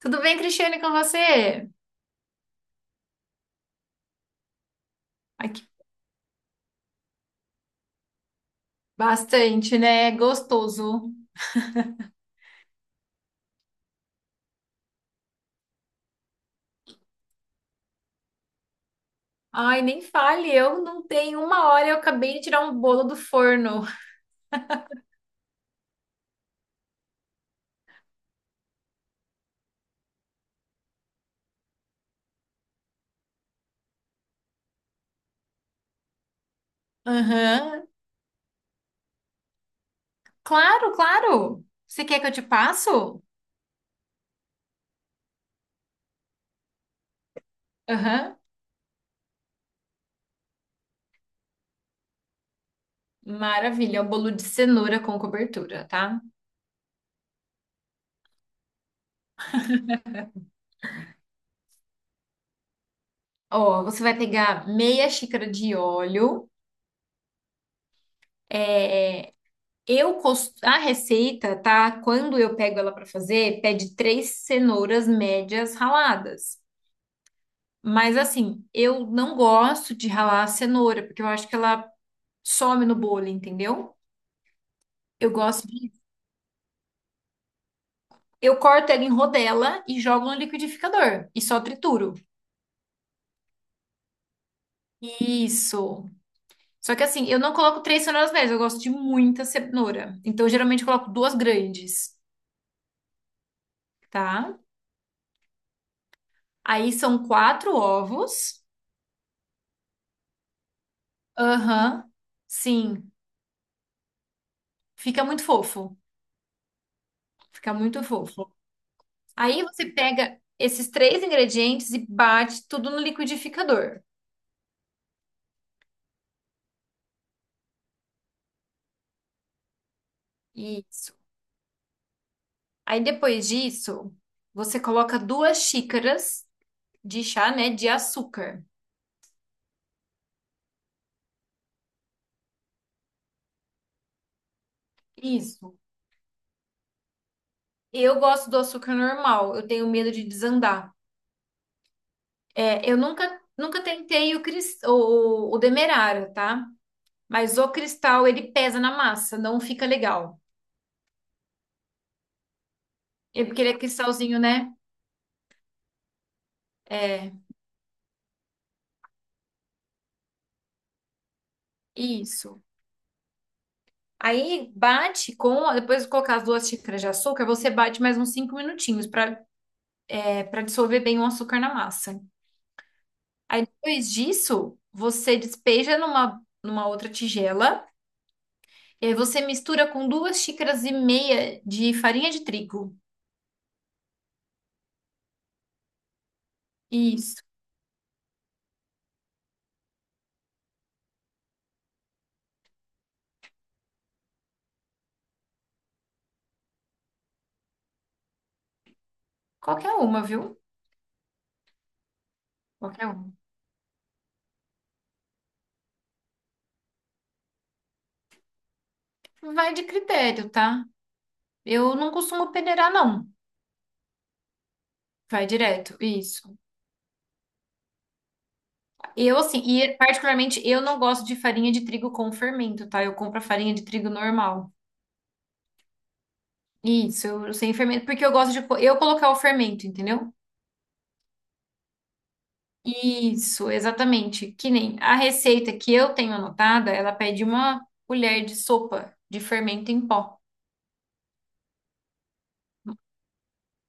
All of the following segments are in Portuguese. Tudo bem, Cristiane, com você? Ai, que bastante, né? Gostoso. Ai, nem fale, eu não tenho uma hora, eu acabei de tirar um bolo do forno. Aham. Claro, claro. Você quer que eu te passo? Aham. Maravilha, é um bolo de cenoura com cobertura, tá? Ó, você vai pegar meia xícara de óleo. É, a receita, tá? Quando eu pego ela para fazer, pede três cenouras médias raladas. Mas assim, eu não gosto de ralar a cenoura, porque eu acho que ela some no bolo, entendeu? Eu gosto de. Eu corto ela em rodela e jogo no liquidificador e só trituro. Isso. Só que assim, eu não coloco três cenouras médias, eu gosto de muita cenoura. Então, geralmente, eu coloco duas grandes, tá? Aí são quatro ovos. Aham. Sim. Fica muito fofo. Fica muito fofo. Aí você pega esses três ingredientes e bate tudo no liquidificador. Isso. Aí depois disso, você coloca duas xícaras de chá, né, de açúcar. Isso. Eu gosto do açúcar normal, eu tenho medo de desandar. É, eu nunca, nunca tentei o demerara, tá? Mas o cristal, ele pesa na massa, não fica legal. É porque ele é cristalzinho, né? É, isso. Aí bate com, depois de colocar as duas xícaras de açúcar, você bate mais uns 5 minutinhos para dissolver bem o açúcar na massa. Aí depois disso, você despeja numa, numa outra tigela e aí você mistura com duas xícaras e meia de farinha de trigo. Isso. Qualquer uma, viu? Qualquer uma. Vai de critério, tá? Eu não costumo peneirar, não. Vai direto, isso. Eu, assim, e particularmente eu não gosto de farinha de trigo com fermento, tá? Eu compro a farinha de trigo normal. Isso, eu, sem fermento, porque eu gosto eu colocar o fermento, entendeu? Isso, exatamente. Que nem a receita que eu tenho anotada, ela pede uma colher de sopa de fermento em pó.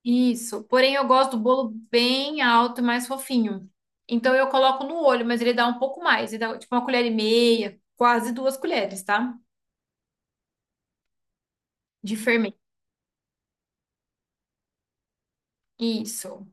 Isso. Porém, eu gosto do bolo bem alto e mais fofinho. Então, eu coloco no olho, mas ele dá um pouco mais. Ele dá tipo uma colher e meia, quase duas colheres, tá? De fermento. Isso.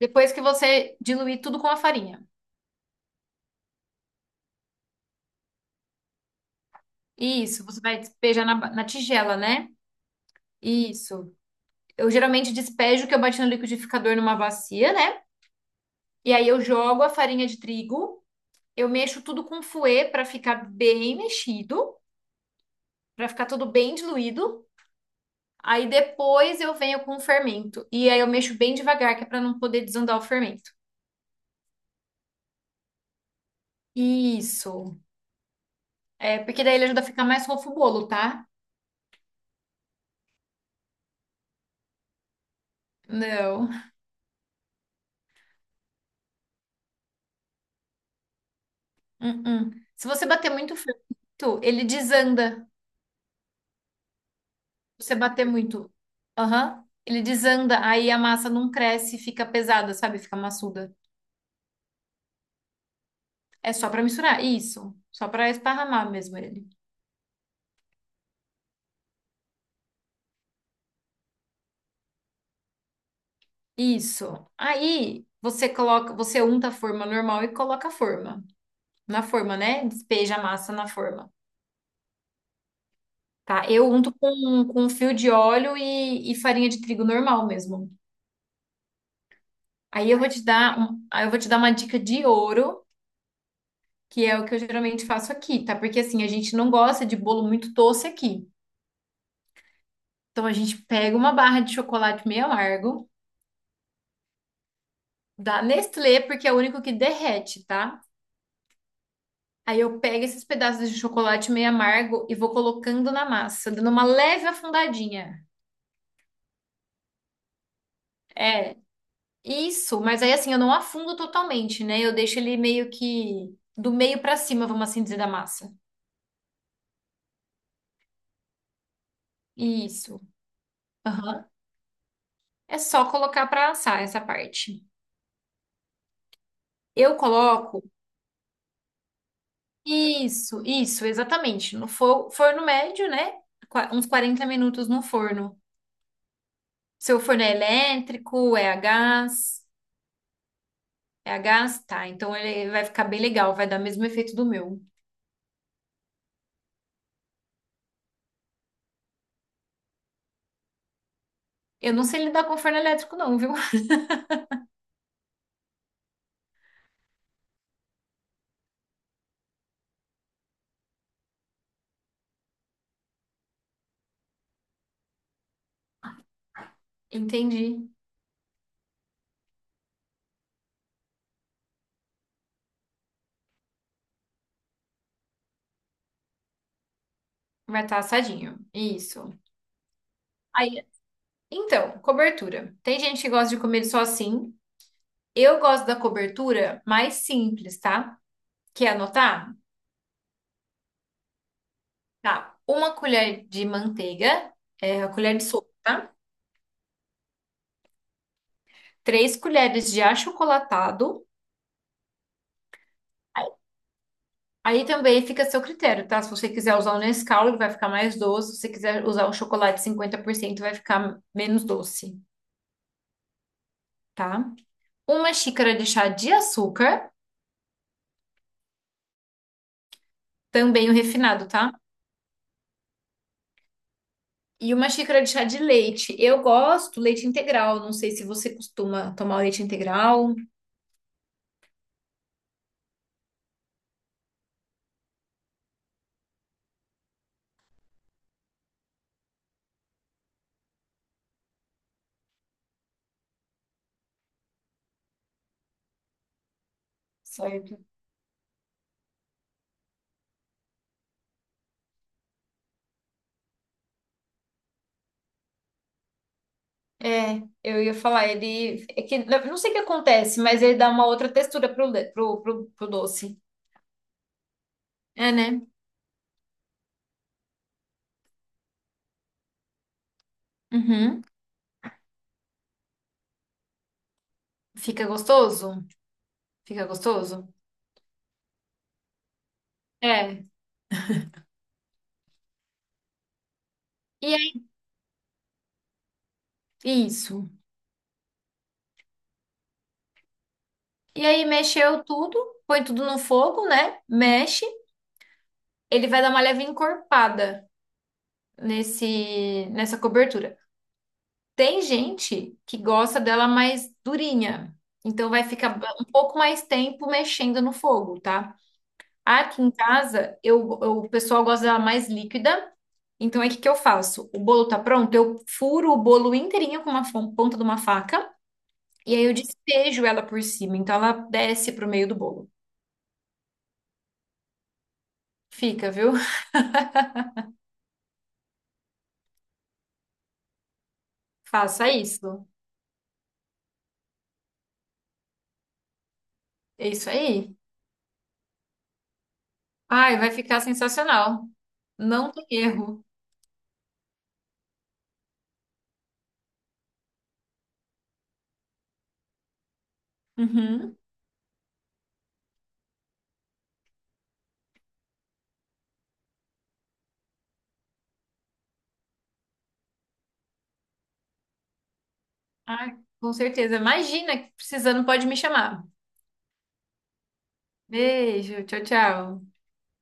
Depois que você diluir tudo com a farinha. Isso. Você vai despejar na tigela, né? Isso. Eu geralmente despejo o que eu bati no liquidificador numa bacia, né? E aí eu jogo a farinha de trigo, eu mexo tudo com fouet para ficar bem mexido, para ficar tudo bem diluído. Aí depois eu venho com o fermento. E aí eu mexo bem devagar, que é para não poder desandar o fermento. Isso. É, porque daí ele ajuda a ficar mais fofo o bolo, tá? Não. Uh-uh. Se você bater muito fermento, ele desanda. Se você bater muito, aham, ele desanda, aí a massa não cresce, fica pesada, sabe? Fica maçuda. É só para misturar, isso. Só para esparramar mesmo ele. Isso. Aí você coloca, você unta a forma normal e coloca a forma. Na forma, né? Despeja a massa na forma. Tá? Eu unto com um fio de óleo e farinha de trigo normal mesmo. Aí eu vou te dar uma dica de ouro, que é o que eu geralmente faço aqui, tá? Porque assim, a gente não gosta de bolo muito doce aqui. Então a gente pega uma barra de chocolate meio amargo, da Nestlé, porque é o único que derrete, tá? Aí eu pego esses pedaços de chocolate meio amargo e vou colocando na massa, dando uma leve afundadinha. É, isso, mas aí assim, eu não afundo totalmente, né? Eu deixo ele meio que do meio pra cima, vamos assim dizer, da massa. Isso. Aham. É só colocar pra assar essa parte. Eu coloco. Isso, exatamente. No forno médio, né? Uns 40 minutos no forno. Seu forno é elétrico, é a gás. É a gás? Tá, então ele vai ficar bem legal, vai dar o mesmo efeito do meu. Eu não sei lidar com forno elétrico, não, viu? Entendi. Vai estar assadinho. Isso. Aí, então, cobertura. Tem gente que gosta de comer só assim. Eu gosto da cobertura mais simples, tá? Quer anotar? Tá. Uma colher de manteiga, é, a colher de sopa, tá? Três colheres de achocolatado, aí também fica a seu critério, tá? Se você quiser usar o Nescau, ele vai ficar mais doce. Se você quiser usar o chocolate 50%, vai ficar menos doce, tá? Uma xícara de chá de açúcar, também o refinado, tá? E uma xícara de chá de leite. Eu gosto leite integral. Não sei se você costuma tomar leite integral. Certo. É, eu ia falar, ele. É que, eu não sei o que acontece, mas ele dá uma outra textura pro, le- pro, pro, pro doce. É, né? Uhum. Fica gostoso? Fica gostoso? É. E aí, isso. E aí mexeu tudo, põe tudo no fogo, né? Mexe, ele vai dar uma leve encorpada nesse nessa cobertura. Tem gente que gosta dela mais durinha, então vai ficar um pouco mais tempo mexendo no fogo, tá? Aqui em casa, o pessoal gosta dela mais líquida, então aí o que que eu faço? O bolo tá pronto, eu furo o bolo inteirinho com uma ponta de uma faca e aí eu despejo ela por cima, então ela desce pro meio do bolo. Fica, viu? Faça isso. É isso aí. Ai, vai ficar sensacional. Não tem erro. Uhum. Ai, com certeza. Imagina, precisando, pode me chamar. Beijo, tchau, tchau.